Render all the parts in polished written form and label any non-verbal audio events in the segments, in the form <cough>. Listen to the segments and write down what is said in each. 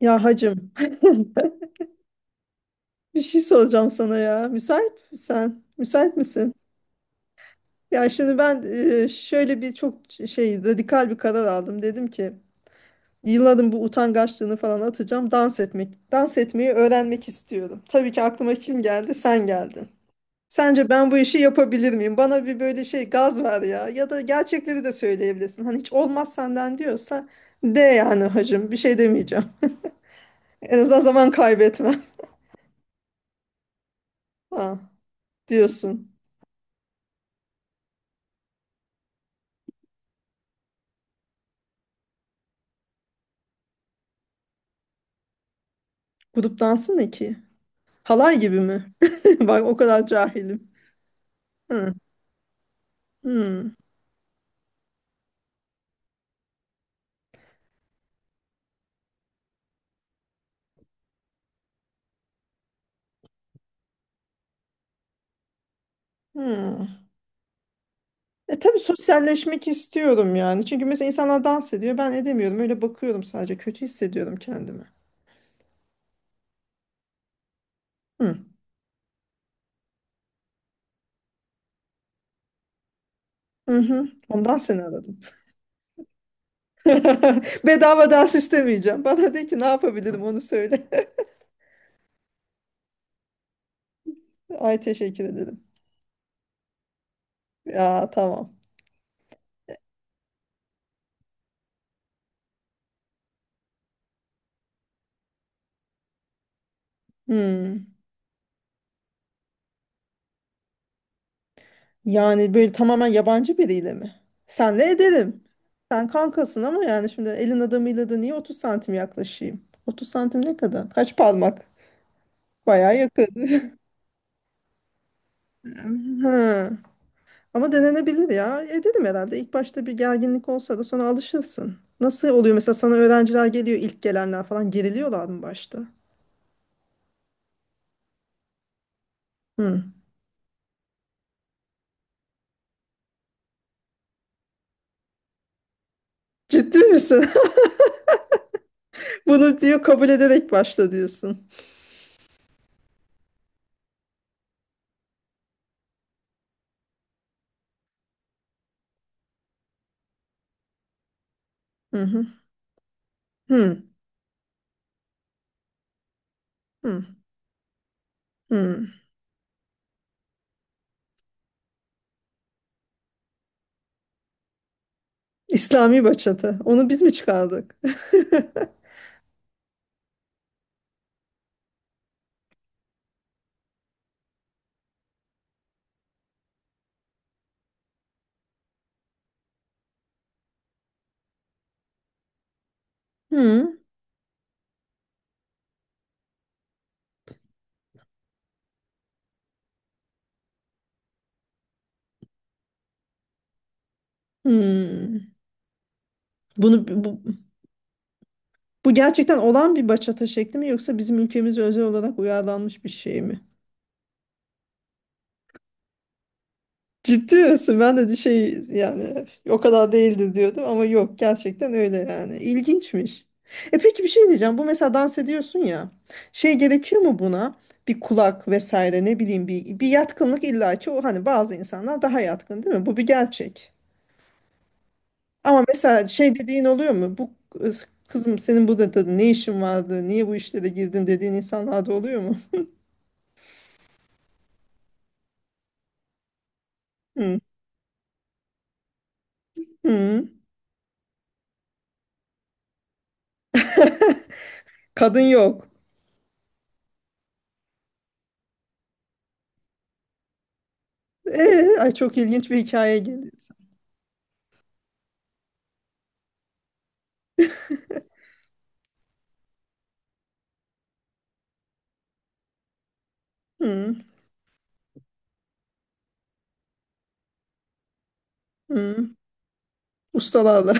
Ya hacım <laughs> bir şey soracağım sana ya. Müsait misin? Müsait misin? Ya şimdi ben şöyle bir çok şey radikal bir karar aldım. Dedim ki yılların bu utangaçlığını falan atacağım. Dans etmek, dans etmeyi öğrenmek istiyorum. Tabii ki aklıma kim geldi? Sen geldin. Sence ben bu işi yapabilir miyim? Bana bir böyle şey gaz ver ya. Ya da gerçekleri de söyleyebilirsin. Hani hiç olmaz senden diyorsa de yani hacım bir şey demeyeceğim. <laughs> En azından zaman kaybetme. <laughs> Ha, diyorsun. Grup dansı ne ki? Halay gibi mi? <laughs> Bak o kadar cahilim. Hı. Hı. Hı. E tabii sosyalleşmek istiyorum yani. Çünkü mesela insanlar dans ediyor. Ben edemiyorum. Öyle bakıyorum sadece. Kötü hissediyorum kendimi. Hı. Hı hı. Ondan seni aradım. <laughs> Bedava dans istemeyeceğim. Bana de ki ne yapabilirim onu söyle. <laughs> Ay teşekkür ederim. Ya tamam. Hı. Yani böyle tamamen yabancı biriyle mi? Senle ederim. Sen kankasın ama yani şimdi elin adamıyla da niye 30 santim yaklaşayım? 30 santim ne kadar? Kaç parmak? Bayağı yakın. <laughs> Ha. Ama denenebilir ya. Ederim herhalde. İlk başta bir gerginlik olsa da sonra alışırsın. Nasıl oluyor mesela sana öğrenciler geliyor ilk gelenler falan geriliyorlar mı başta? Hı. Ciddi misin? <laughs> Bunu diyor kabul ederek başla diyorsun. Hı hı. Hı. Hı. Hı. İslami bachata. Onu biz mi çıkardık? <laughs> Hmm, hmm. Bunu bu, bu gerçekten olan bir bachata şekli mi yoksa bizim ülkemize özel olarak uyarlanmış bir şey mi? Ciddi misin? Ben de şey yani o kadar değildi diyordum ama yok gerçekten öyle yani. İlginçmiş. E peki bir şey diyeceğim. Bu mesela dans ediyorsun ya. Şey gerekiyor mu buna? Bir kulak vesaire ne bileyim bir yatkınlık illaki o hani bazı insanlar daha yatkın değil mi? Bu bir gerçek. Ama mesela şey dediğin oluyor mu? Bu kızım senin burada da ne işin vardı? Niye bu işlere girdin dediğin insanlar da oluyor mu? Hı. Hı. Kadın yok. Ay çok ilginç bir hikaye geliyor. Hı. Hı. Ustalarla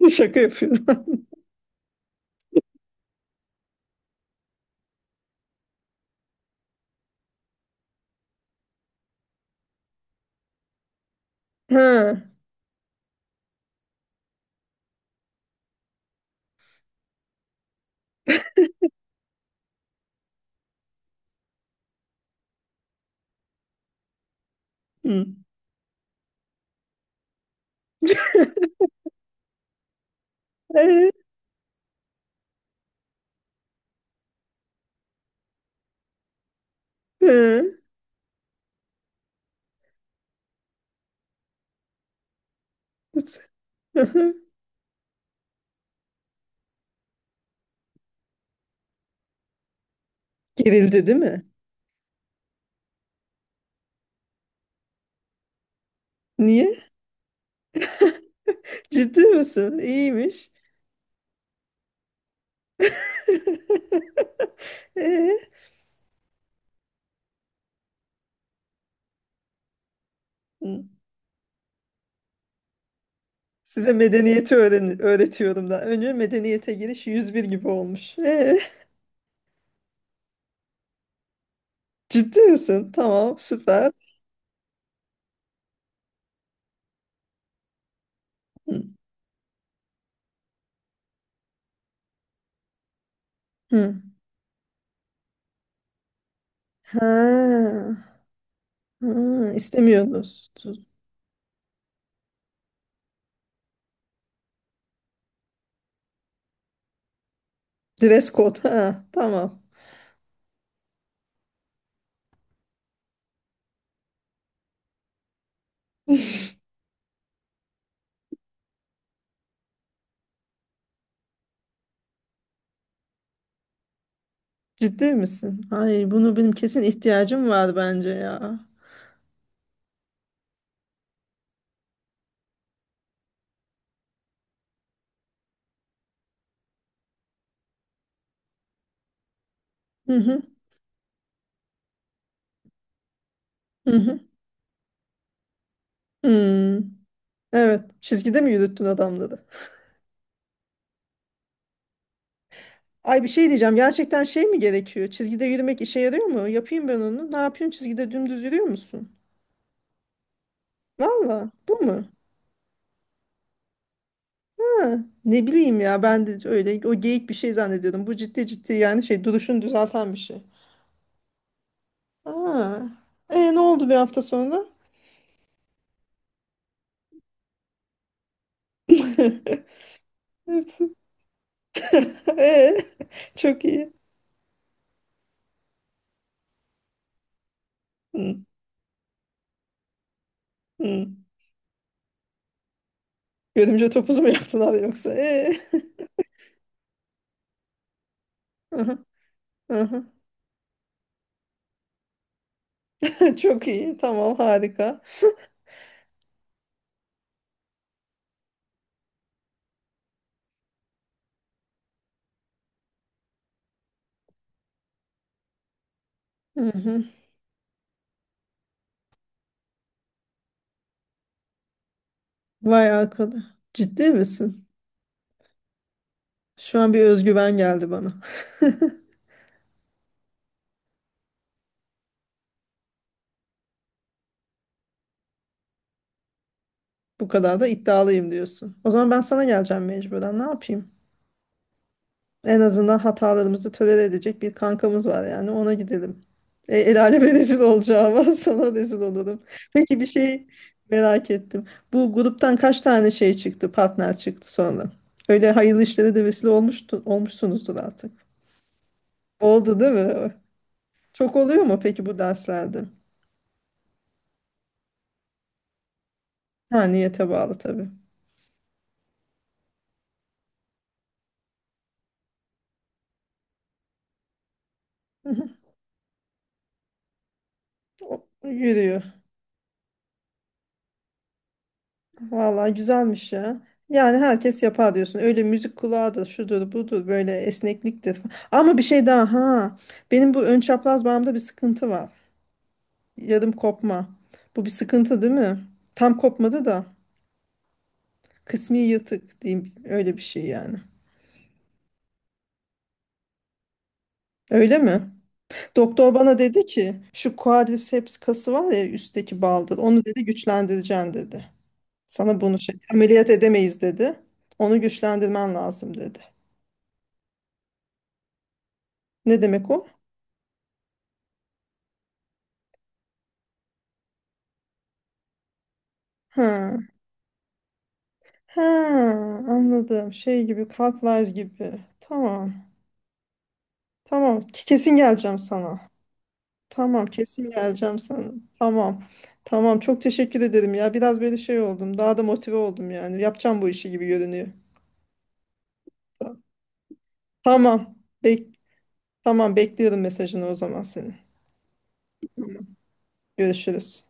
<laughs> şaka yapıyorum. <laughs> Ha. Hı. Ee, hı. <laughs> Gerildi değil mi? Niye? <laughs> Ciddi misin? İyiymiş. <laughs> Ee? Size medeniyeti öğretiyorum da. Önce medeniyete giriş 101 gibi olmuş. Ciddi misin? Tamam, süper. Hı. Hı. Ha. Ha, istemiyorsunuz. Dress code. Ha, tamam. <laughs> Ciddi misin? Ay bunu benim kesin ihtiyacım var bence ya. Hı hı hı hı. Hmm. Evet. Çizgide mi yürüttün adamları? Ay bir şey diyeceğim. Gerçekten şey mi gerekiyor? Çizgide yürümek işe yarıyor mu? Yapayım ben onu. Ne yapıyorsun? Çizgide dümdüz yürüyor musun? Valla. Bu mu? Ha, ne bileyim ya ben de öyle o geyik bir şey zannediyordum. Bu ciddi ciddi yani şey duruşunu düzelten bir şey. Aa. E ne oldu bir hafta sonra? <laughs> Hepsi. <laughs> E, çok iyi. Hı, hı. Görümce topuzu mu yaptılar yoksa? E. <laughs> Aha, aha. <laughs> Çok iyi. Tamam, harika. Hı hı. Vay arkadaş. Ciddi misin? Şu an bir özgüven geldi bana. <laughs> Bu kadar da iddialıyım diyorsun. O zaman ben sana geleceğim mecburen. Ne yapayım? En azından hatalarımızı tolere edecek bir kankamız var yani ona gidelim. E, el aleme <laughs> rezil olacağıma sana rezil olurum. Peki bir şey merak ettim. Bu gruptan kaç tane şey çıktı, partner çıktı sonra? Öyle hayırlı işlere de vesile olmuşsunuzdur artık. Oldu değil mi? Çok oluyor mu peki bu derslerde? Ha niyete bağlı tabii. <laughs> Yürüyor. Vallahi güzelmiş ya. Yani herkes yapar diyorsun. Öyle müzik kulağı da şudur budur böyle esnekliktir falan. Ama bir şey daha ha. Benim bu ön çapraz bağımda bir sıkıntı var. Yarım kopma. Bu bir sıkıntı değil mi? Tam kopmadı da kısmi yırtık diyeyim öyle bir şey yani. Öyle mi? Doktor bana dedi ki şu quadriceps kası var ya üstteki baldır. Onu dedi güçlendireceğim dedi. Sana bunu şey ameliyat edemeyiz dedi. Onu güçlendirmen lazım dedi. Ne demek o? Ha. Ha, anladım. Şey gibi, Cartwright gibi. Tamam. Tamam. Kesin geleceğim sana. Tamam, kesin geleceğim sana. Tamam. Tamam. Çok teşekkür ederim ya. Biraz böyle şey oldum. Daha da motive oldum yani. Yapacağım bu işi gibi görünüyor. Tamam. Tamam. Bek tamam, bekliyorum mesajını o zaman senin. Tamam. Görüşürüz.